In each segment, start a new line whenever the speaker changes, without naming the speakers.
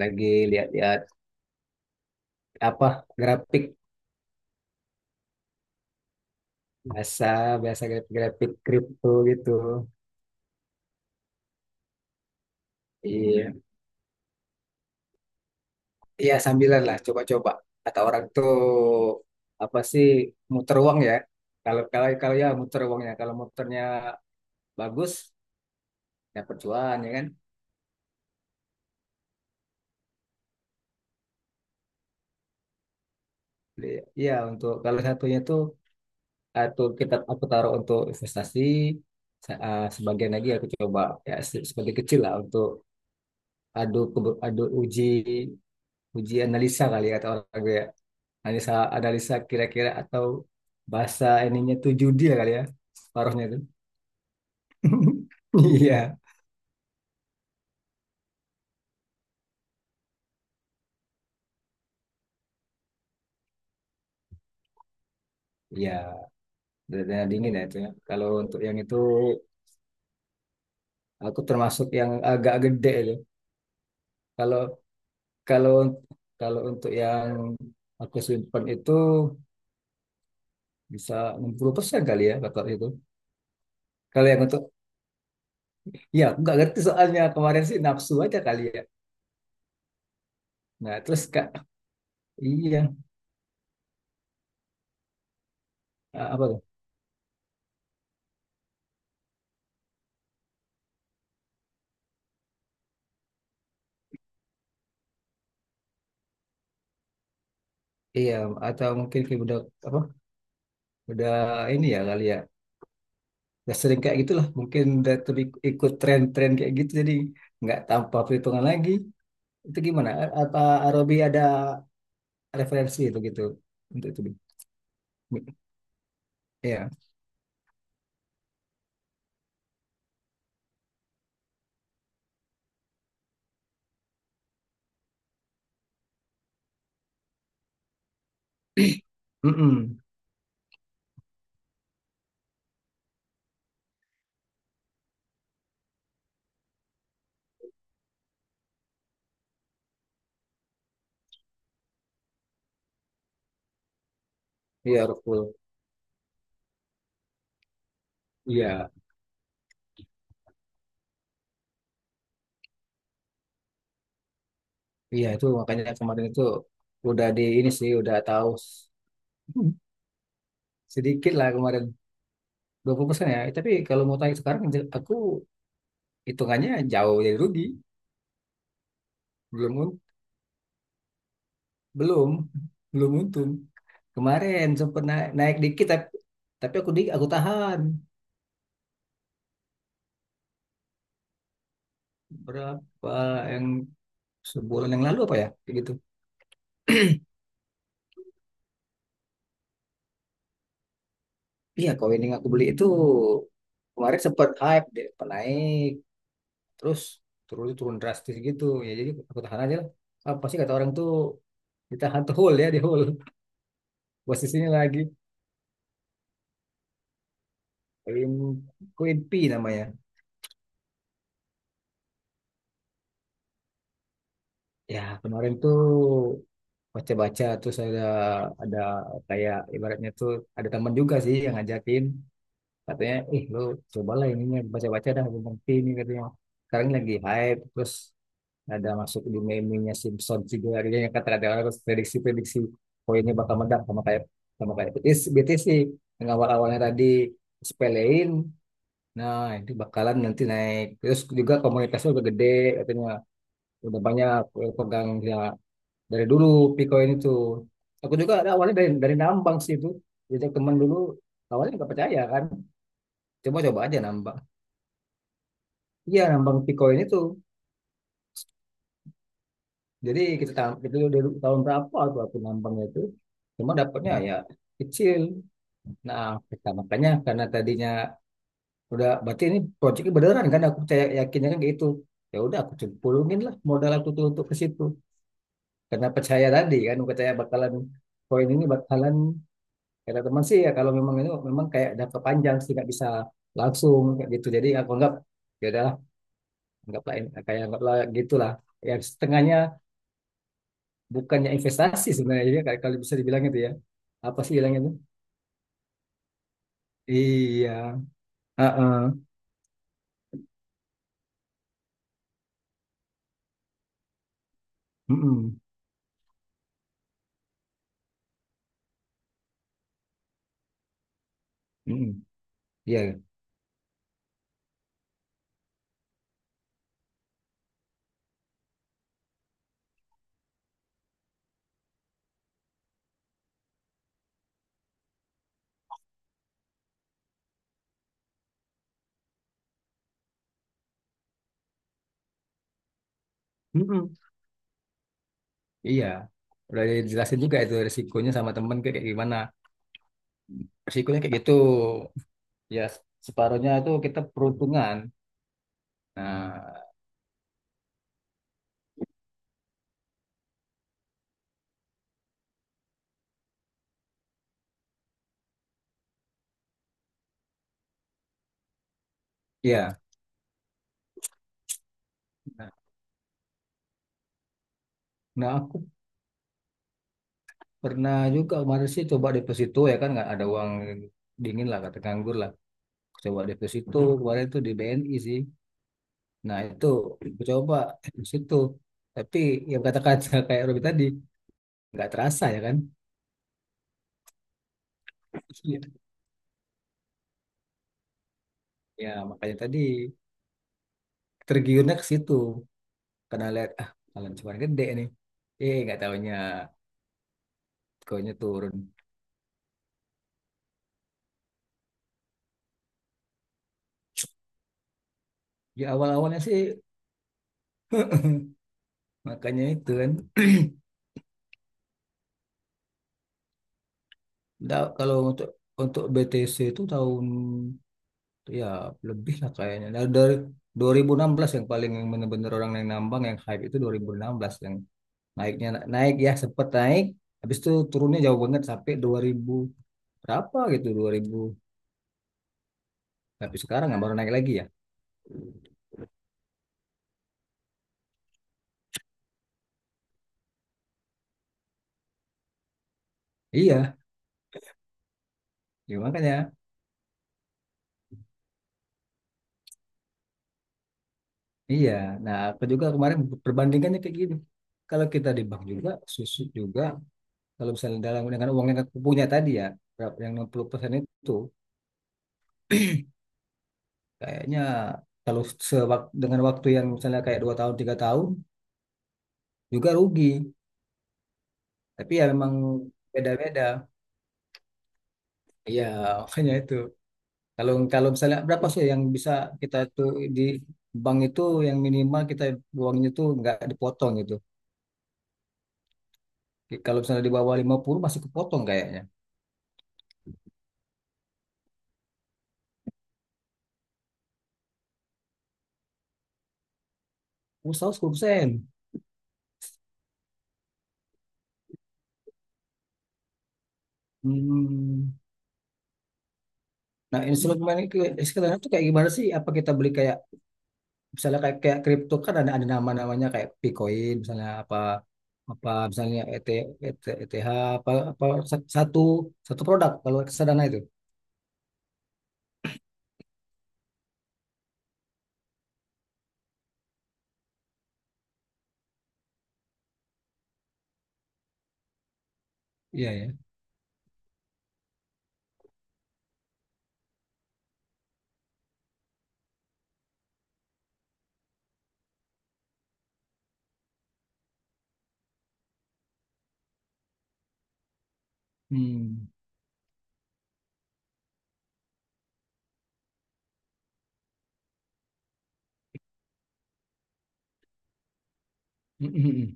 Lagi lihat-lihat apa grafik bahasa bahasa grafik kripto gitu. Iya, iya sambilan lah coba-coba. Kata orang tuh apa sih muter uang ya? Kalau kalau kalau ya muter uangnya. Kalau muternya bagus, ya cuan ya kan? Iya untuk kalau satunya tuh atau aku taruh untuk investasi, sebagian lagi aku coba, ya sebagai kecil lah untuk adu uji uji analisa kali ya, kata orang gue, analisa analisa kira-kira atau bahasa ininya tuh judi ya kali ya, paruhnya itu. Iya. Iya, dada dingin ya itu ya kalau untuk yang itu, aku termasuk yang agak gede itu. Kalau kalau kalau untuk yang aku simpan itu, bisa 60% kali ya, bakal itu. Kalau yang untuk, ya aku nggak ngerti soalnya kemarin sih nafsu aja kali ya. Nah terus kak, iya, apa tuh? Iya, atau mungkin kayak udah apa, udah ini ya kali ya, udah sering kayak gitulah, mungkin udah ikut tren-tren kayak gitu, jadi nggak tanpa perhitungan lagi. Itu gimana, apa, Robi, ada referensi itu gitu untuk itu? Ya. Mm. Iya, Rukul. Iya, iya itu makanya kemarin itu udah di ini sih, udah tahu. Sedikit lah kemarin. 20% ya, tapi kalau mau tanya sekarang, aku hitungannya jauh dari rugi. Belum. Belum, belum untung. Kemarin sempat naik, naik dikit tapi, aku tahan. Berapa yang sebulan yang lalu apa ya? Kayak gitu. Iya, koin yang aku beli itu kemarin sempat hype, dia sempat naik, terus turun turun drastis gitu. Ya jadi aku tahan aja lah. Apa sih kata orang tuh ditahan tuh? Hold ya, di hold. Buat sini lagi, koin koin P namanya. Ya, kemarin tuh baca-baca, terus ada kayak ibaratnya tuh ada teman juga sih yang ngajakin katanya, "Ih, lu cobalah ininya baca-baca dah belum ngerti ini," katanya. Sekarang lagi hype, terus ada masuk di meme-nya Simpsons juga akhirnya, yang kata ada orang, terus prediksi-prediksi poinnya bakal meledak sama kayak, BTS. BTS sih yang awal-awalnya tadi sepelein, nah itu bakalan nanti naik terus, juga komunitasnya udah gede katanya, udah banyak pegang ya, dari dulu. Bitcoin itu aku juga ada awalnya dari nambang sih itu. Jadi teman dulu awalnya nggak percaya kan, coba coba aja nambang. Iya, nambang Bitcoin itu, jadi kita itu dari tahun berapa tuh aku nambangnya itu, cuma dapatnya ya kecil. Nah, kita makanya karena tadinya udah berarti ini proyeknya beneran kan, aku percaya, yakinnya kan kayak gitu, ya udah aku cemplungin lah modal aku tuh untuk ke situ karena percaya tadi kan, percaya bakalan koin ini bakalan. Kata teman sih, ya kalau memang itu memang kayak jangka panjang sih nggak bisa langsung kayak gitu. Jadi aku anggap ya udahlah, anggaplah kayak anggaplah gitulah. Ya setengahnya, bukannya investasi sebenarnya, jadi kayak kalau bisa dibilang itu ya. Apa sih bilangnya itu? Iya. Heeh. Mm-mm. Mm-mm. Iya. Mm-mm. Iya. Udah dijelasin juga itu risikonya sama temen kayak gimana. Risikonya kayak gitu. Ya separuhnya itu kita peruntungan. Nah, iya. Nah, aku pernah juga kemarin sih coba deposito, ya kan, nggak ada uang dingin lah, kata nganggur lah. Coba deposito kemarin tuh di BNI sih. Nah itu aku coba deposito. Tapi yang kata-kata kayak Robi tadi, nggak terasa ya kan. Iya. Ya makanya tadi tergiurnya ke situ karena lihat, ah kalau cuma gede nih. Eh, nggak tahunya koinnya turun. Ya awal-awalnya sih makanya itu kan. Nggak, kalau untuk BTC itu tahun ya lebih lah kayaknya. Nah, dari 2016, yang paling, yang bener-bener orang yang nambang, yang hype itu 2016, yang naiknya, naik ya, sempet naik, habis itu turunnya jauh banget sampai 2000 berapa gitu, 2000. Tapi sekarang nggak, baru naik lagi ya. Iya ya, makanya. Iya, nah aku juga kemarin perbandingannya kayak gini, kalau kita di bank juga susut juga kalau misalnya dalam, dengan uang yang aku punya tadi ya, yang 60% itu kayaknya, kalau dengan waktu yang misalnya kayak 2 tahun 3 tahun juga rugi. Tapi ya memang beda-beda. Iya, makanya itu. Kalau kalau misalnya berapa sih yang bisa kita tuh di bank itu, yang minimal kita uangnya tuh nggak dipotong gitu. Kalau misalnya di bawah 50 masih kepotong kayaknya. Usaha 10%. Hmm. Nah, instrumen itu sekarang itu kayak gimana sih? Apa kita beli kayak misalnya kayak kayak kripto kan, ada nama-namanya kayak Bitcoin misalnya, apa apa misalnya ET, ET, ETH, apa apa, satu satu produk kalau kesadaran itu. Iya ya. Hmm.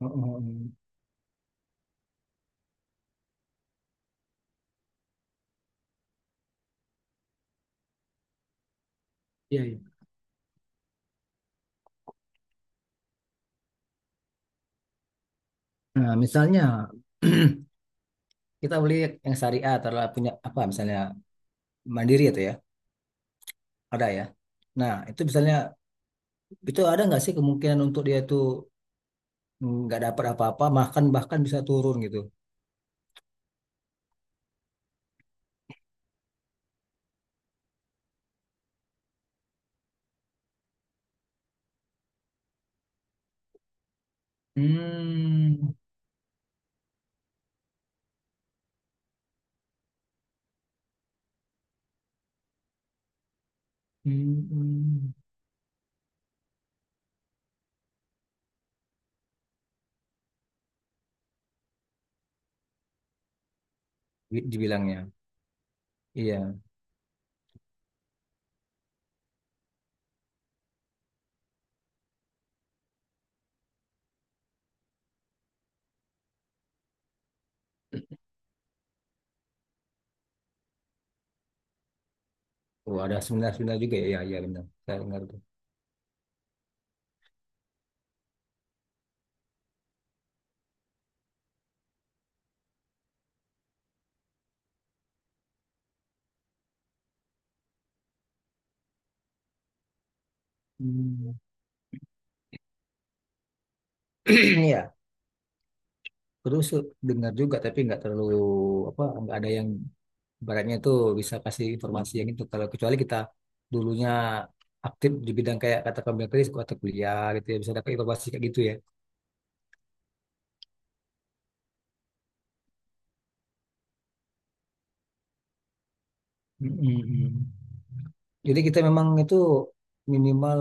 Oh, oh, oh. Iya ya. Nah, misalnya, kita beli yang syariah atau punya, apa misalnya Mandiri itu ya, ada ya. Nah, itu misalnya itu ada nggak sih kemungkinan untuk dia itu nggak dapat apa-apa, bahkan bahkan bisa turun gitu? Hmm. Hmm. Hmm. Dibilangnya. Iya. Oh, ada seminar-seminar juga ya. Iya, iya benar. Saya dengar tuh. Hmm. Iya, terus dengar juga tapi nggak terlalu apa, nggak ada yang Baratnya itu bisa kasih informasi yang itu, kalau kecuali kita dulunya aktif di bidang kayak kata kamu tadi atau kuliah gitu ya, bisa dapat informasi kayak gitu ya. Mm-mm. Jadi kita memang itu minimal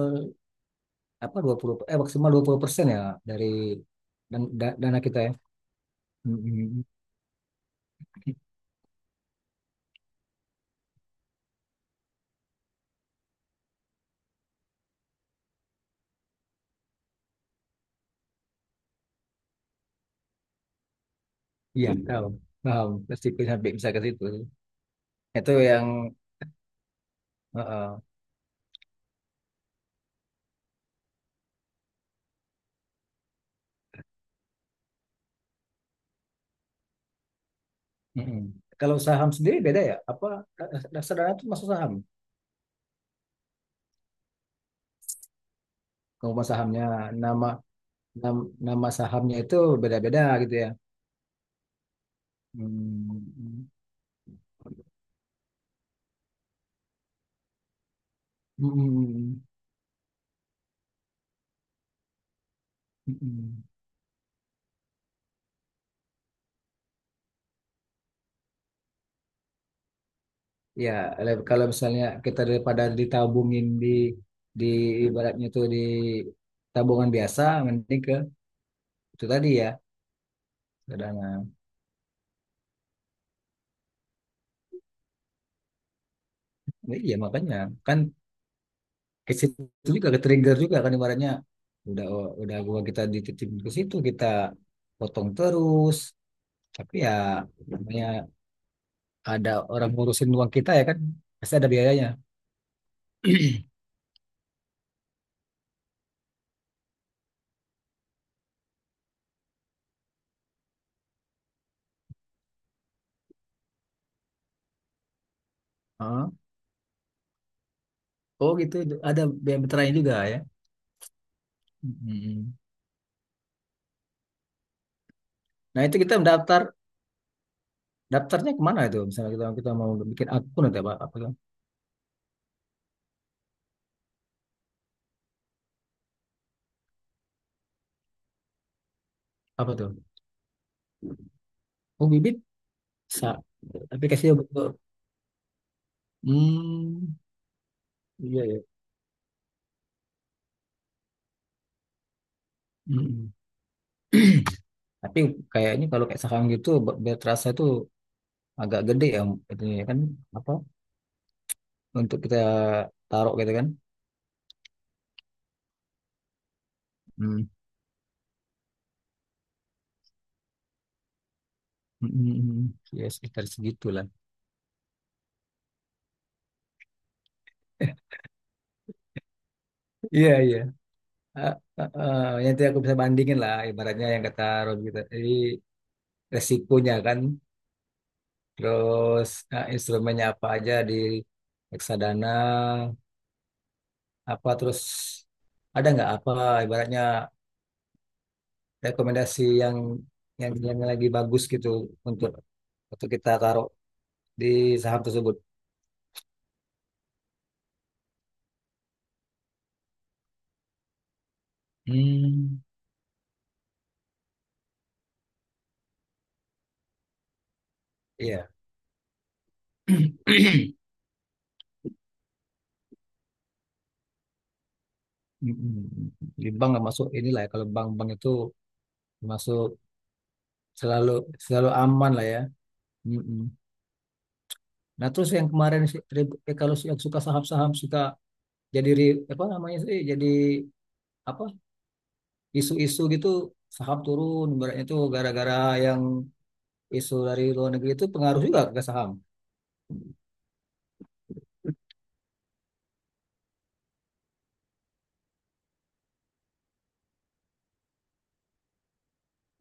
apa 20, maksimal 20% ya, dari dana kita ya. Mm-mm. Iya, paham. Paham, pasti sampai bisa ke situ. Itu yang eh, eh. Mm-mm. Kalau saham sendiri beda ya? Apa dasar dana itu masuk saham? Kalau sahamnya nama, nama sahamnya itu beda-beda gitu ya. Hmm. Mm-mm. Mm-mm. Ya, kalau misalnya kita daripada ditabungin di di ibaratnya itu di tabungan biasa, mending ke itu tadi ya. Karena iya, makanya kan ke situ juga ke trigger juga kan, ibaratnya udah, oh, udah gua, kita dititipin ke situ kita potong terus, tapi ya namanya ada orang ngurusin uang kita ya kan, pasti ada biayanya. Oh gitu, ada BM Veteran juga ya. Mm-mm. Nah itu kita mendaftar, daftarnya kemana itu? Misalnya kita kita mau bikin akun atau apa, apa, tuh? Apa tuh? Oh, Bibit. Sa- Aplikasinya betul. Hmm, iya ya. Mm-mm. Tapi kayaknya kalau kayak saham gitu, biar terasa itu agak gede ya, itu ya kan, apa? Untuk kita taruh gitu kan? Hmm. mm Ya sekitar segitulah. Iya iya. Ah, ah, ah, nanti aku bisa bandingin lah, ibaratnya yang kata Rob gitu. Jadi resikonya kan. Terus instrumennya apa aja di reksadana? Apa terus ada nggak apa ibaratnya rekomendasi yang lagi bagus gitu untuk untuk kita taruh di saham tersebut? Hmm. Iya. Mm-mm. Di bank nggak masuk inilah ya, kalau bank-bank itu masuk selalu selalu aman lah ya. Mm-mm. Nah terus yang kemarin, kalau yang suka saham-saham suka jadi apa namanya sih, jadi apa, isu-isu gitu, saham turun ibaratnya itu gara-gara yang isu dari luar negeri itu pengaruh juga ke saham.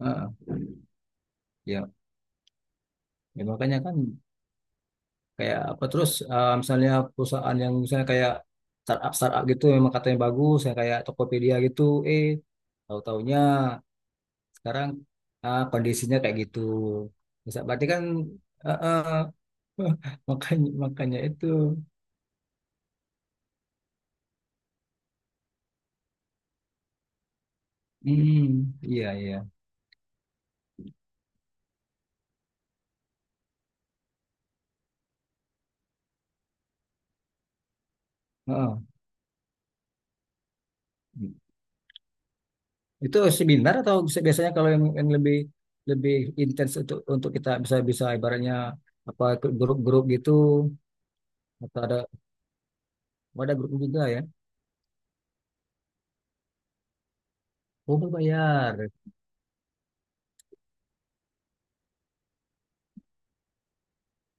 Heeh. Ya, ya makanya kan kayak apa, terus misalnya perusahaan yang misalnya kayak startup startup gitu, memang katanya bagus ya kayak Tokopedia gitu, eh tahu-taunya sekarang, ah, kondisinya kayak gitu. Bisa berarti kan, eh, eh, makanya makanya itu. Hmm, iya iya. Heeh. Itu seminar atau biasanya kalau yang lebih lebih intens untuk kita bisa bisa ibaratnya apa, ikut grup-grup gitu atau ada? Oh, ada grup juga ya. Oh, berbayar.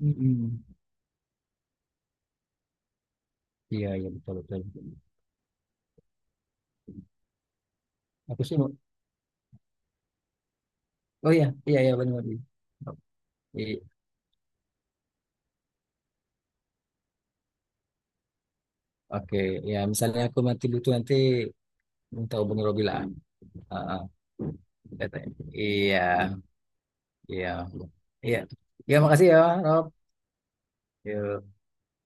Mm-mm. Iya iya betul betul. Aku sih mau- oh iya iya iya benar. Benar. I- Oke, ya misalnya aku mati butuh nanti, minta hubungi Robi lah. Ah, ah, katanya. Iya iya iya. Iya, makasih ya Rob. Yuk.